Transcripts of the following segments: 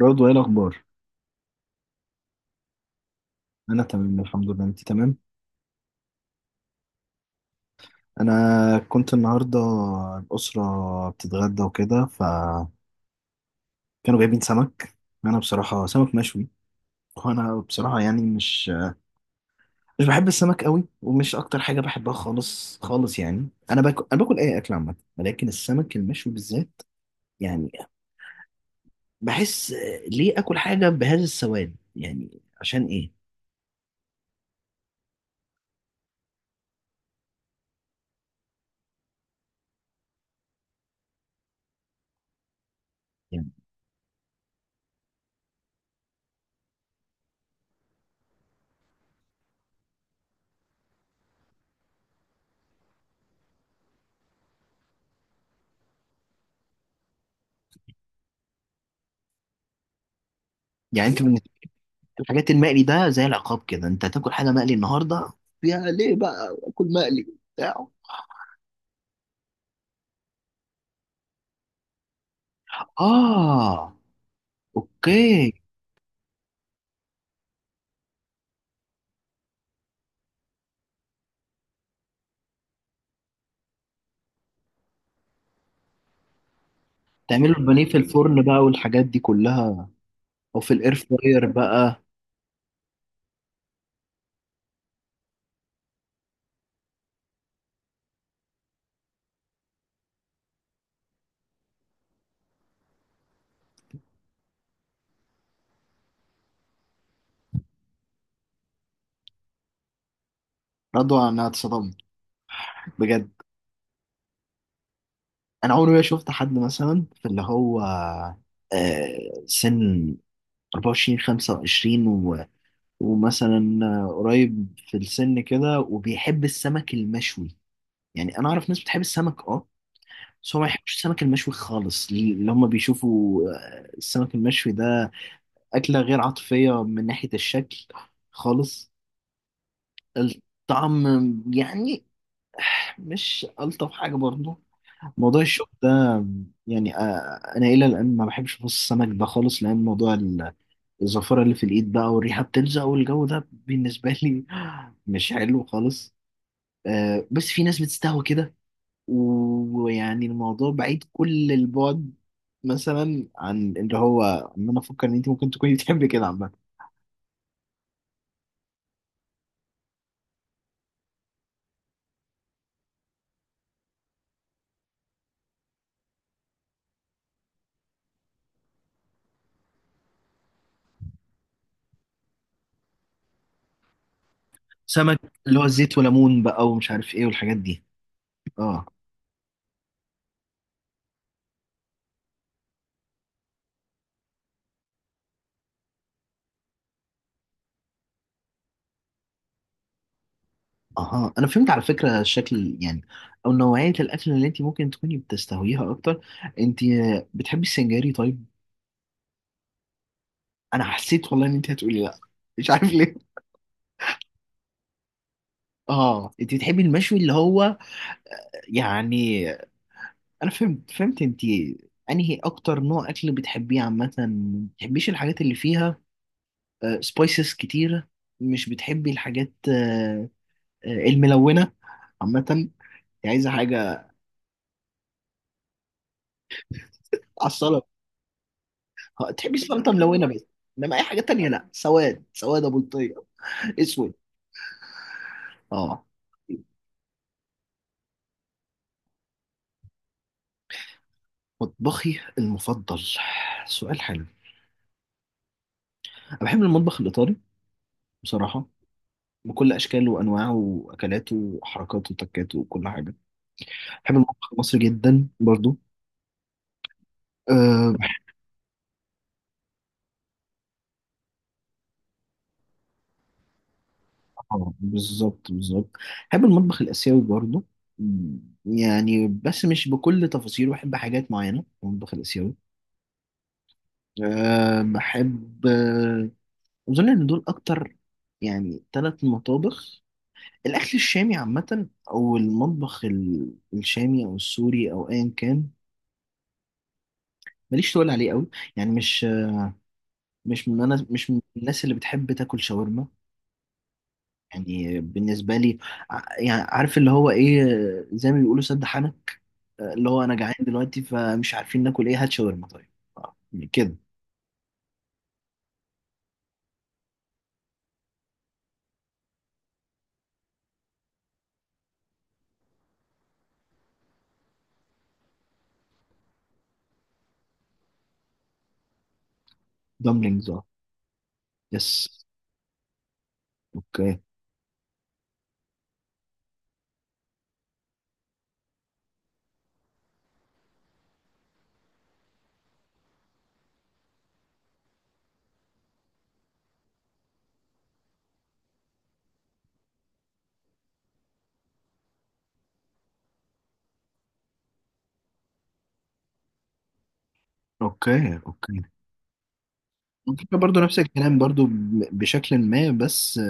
برضو ايه الاخبار؟ انا تمام الحمد لله، انت تمام؟ انا كنت النهارده الاسره بتتغدى وكده، فكانوا جايبين سمك. انا بصراحه سمك مشوي، وانا بصراحه يعني مش بحب السمك قوي، ومش اكتر حاجه بحبها خالص خالص. يعني انا باكل اي اكل عامه، ولكن السمك المشوي بالذات يعني بحس، ليه اكل حاجه بهذا السواد؟ يعني عشان ايه؟ يعني يعني انت بالنسبه الحاجات المقلي ده زي العقاب كده، انت هتاكل حاجه مقلي النهارده يا ليه بقى اكل مقلي بتاع. اه اوكي. تعملوا البانيه في الفرن بقى والحاجات دي كلها، او في الاير فراير بقى. رضوى انا اتصدمت بجد. انا عمري ما شفت حد مثلا في اللي هو سن 24 25 و... ومثلا قريب في السن كده وبيحب السمك المشوي. يعني انا اعرف ناس بتحب السمك، اه، بس هو ما يحبش السمك المشوي خالص، ليه اللي هم بيشوفوا السمك المشوي ده أكلة غير عاطفية من ناحية الشكل خالص. الطعم يعني مش ألطف حاجة برضه، موضوع الشوك ده. يعني أنا إلى الآن ما بحبش أبص السمك ده خالص، لأن موضوع الزفرة اللي في الإيد بقى والريحة بتلزق والجو ده بالنسبة لي مش حلو خالص. بس في ناس بتستهوى كده، ويعني الموضوع بعيد كل البعد مثلا عن اللي هو ان انا افكر ان انت ممكن تكوني بتحبي كده عامه. سمك اللي هو زيت وليمون بقى ومش عارف ايه والحاجات دي. اه. اها انا فهمت على فكره الشكل يعني، او نوعيه الاكل اللي انت ممكن تكوني بتستهويها اكتر. انت بتحبي السنجاري طيب؟ انا حسيت والله ان انت هتقولي لا، مش عارف ليه. اه انت بتحبي المشوي اللي هو يعني، انا فهمت انت انهي اكتر نوع اكل بتحبيه عامه. ما بتحبيش الحاجات اللي فيها سبايسز كتيره، مش بتحبي الحاجات الملونه عامه، انت عايزه حاجه على السلطه. تحبي السلطه ملونه بس، انما اي حاجه تانية لا، سواد سواد ابو بلطيه اسود. اه. مطبخي المفضل؟ سؤال حلو. انا بحب المطبخ الايطالي بصراحه بكل اشكاله وانواعه واكلاته وحركاته وتكاته وكل حاجه. بحب المطبخ المصري جدا برضو. أه بحب. طبعاً، بالظبط بالظبط. بحب المطبخ الآسيوي برضه، م، يعني بس مش بكل تفاصيله، بحب حاجات معينة في المطبخ الآسيوي. أه بحب أظن إن دول أكتر يعني ثلاث مطابخ. الأكل الشامي عامة أو المطبخ الشامي أو السوري أو أيا كان، ماليش تقول عليه قوي. يعني مش مش من أنا مش من الناس اللي بتحب تاكل شاورما. يعني بالنسبة لي يعني عارف اللي هو إيه، زي ما بيقولوا سد حنك، اللي هو انا جعان دلوقتي فمش عارفين ناكل ايه، هات شاورما طيب. آه، كده. دمبلينجز اه. يس. اوكي اوكي اوكي. الفكرة برضو نفس الكلام برضو بشكل ما بس.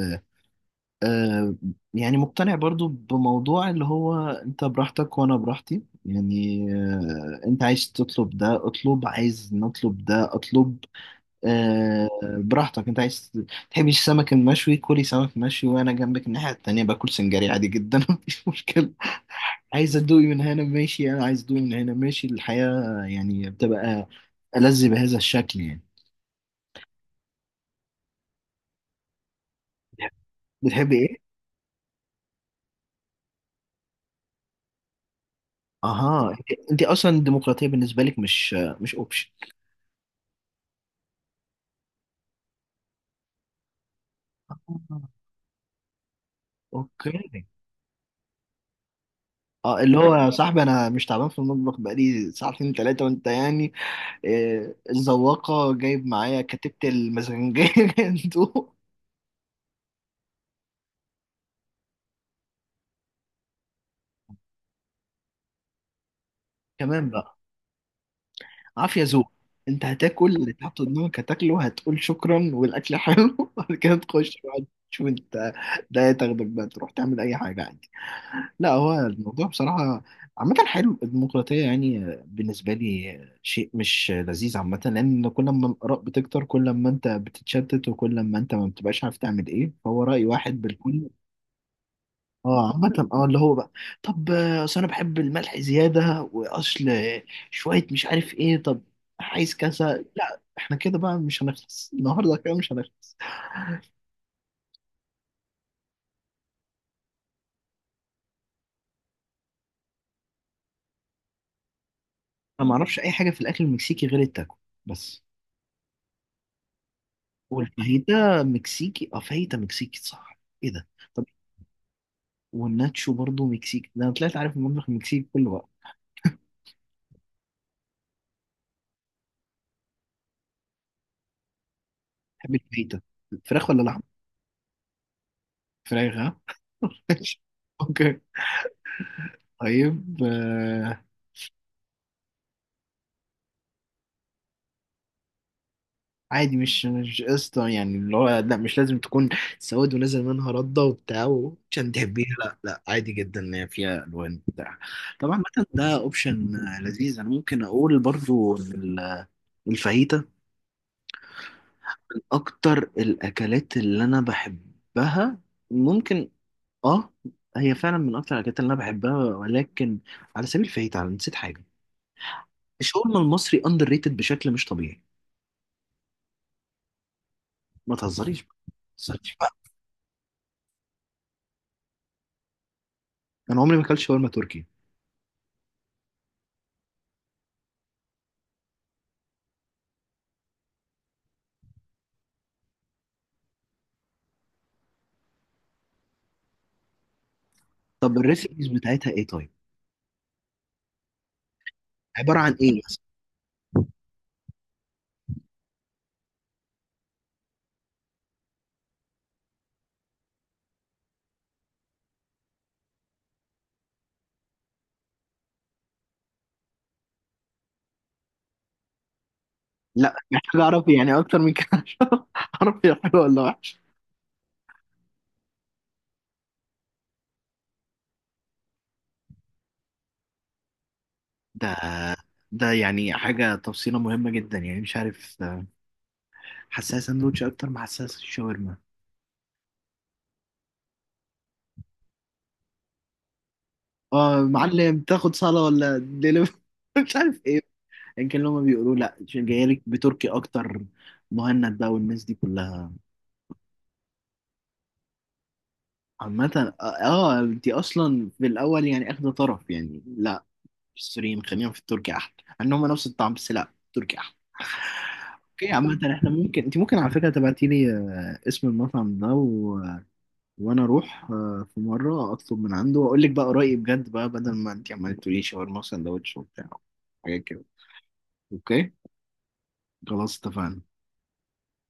آه، يعني مقتنع برضو بموضوع اللي هو انت براحتك وانا براحتي. يعني آه انت عايز تطلب ده اطلب، عايز نطلب ده اطلب. آه، براحتك. انت عايز تحبش السمك المشوي كلي سمك مشوي، وانا جنبك الناحية التانية باكل سنجاري عادي جدا مفيش مشكلة. عايز ادوقي من هنا ماشي، انا عايز ادوقي من هنا ماشي. الحياة يعني بتبقى ألذ بهذا الشكل يعني. بتحبي ايه؟ اها انت اصلا الديمقراطية بالنسبة لك مش مش اوبشن. آه، اوكي. اه اللي هو يا صاحبي انا مش تعبان في المطبخ بقالي ساعتين ثلاثه وانت يعني الزواقه جايب معايا كتبت المزنجيه انتوا كمان بقى. عافية ذوق. انت هتاكل اللي تحط قدامك هتاكله، هتقول شكرا والاكل حلو وبعد كده تخش بقى تشوف انت ده، تاخدك بقى تروح تعمل اي حاجة عادي. لا هو الموضوع بصراحة عامة حلو الديمقراطية يعني، بالنسبة لي شيء مش لذيذ عامة، لأن كل ما الآراء بتكتر كل ما أنت بتتشتت، وكل ما أنت ما بتبقاش عارف تعمل إيه، فهو رأي واحد بالكل. اه عامة اه اللي هو بقى طب اصل انا بحب الملح زيادة، واصل شوية مش عارف ايه، طب عايز كذا، لا احنا كده بقى مش هنخلص النهارده كده مش هنخلص. انا ما اعرفش اي حاجة في الاكل المكسيكي غير التاكو بس. والفاهيتا مكسيكي؟ اه فاهيتا مكسيكي صح ايه ده. طب والناتشو برضو مكسيكي؟ ده انا طلعت عارف المطبخ المكسيكي كله بقى. بحب الفاهيتا. فراخ ولا لحم؟ فراخ ها. ماشي. اوكي. طيب عادي مش مش قصة يعني اللي هو، لا مش لازم تكون سواد ونازل منها ردة وبتاع وعشان تحبيها، لا لا عادي جدا ان هي فيها الوان بتاع. طبعا مثلا ده اوبشن لذيذ. انا ممكن اقول برضو إن الفاهيتا من اكتر الاكلات اللي انا بحبها، ممكن، اه. هي فعلا من اكتر الاكلات اللي انا بحبها، ولكن على سبيل الفاهيتا انا نسيت حاجة. الشاورما المصري اندر ريتد بشكل مش طبيعي. ما تهزريش بقى ما تهزريش بقى. انا عمري ما اكلت شاورما تركي. طب الريسبيز بتاعتها ايه طيب؟ عباره عن ايه مثلا؟ لا محتاج اعرف يعني اكتر من كده، عشان اعرف هي حلوه ولا وحشه. ده ده يعني حاجه تفصيله مهمه جدا يعني مش عارف، حساسه ساندوتش اكتر ما حساسه الشاورما. اه معلم، تاخد صاله ولا دليفري؟ مش عارف ايه. يمكن لما بيقولوا لا جايه لك بتركي اكتر، مهند بقى والناس دي كلها. عامة اه انتي اصلا في الاول يعني اخده طرف يعني لا، السوريين خلينا في التركي احلى. انهم نفس الطعم، بس لا التركي احلى. اوكي عامة احنا ممكن، انت ممكن على فكرة تبعتي لي اسم المطعم ده و... وانا اروح في مرة اطلب من عنده واقول لك بقى رأيي بجد بقى، بدل ما انت عمالة تقولي شاورما وسندوتش وبتاع حاجات كده. اوكي. خلاص اتفقنا.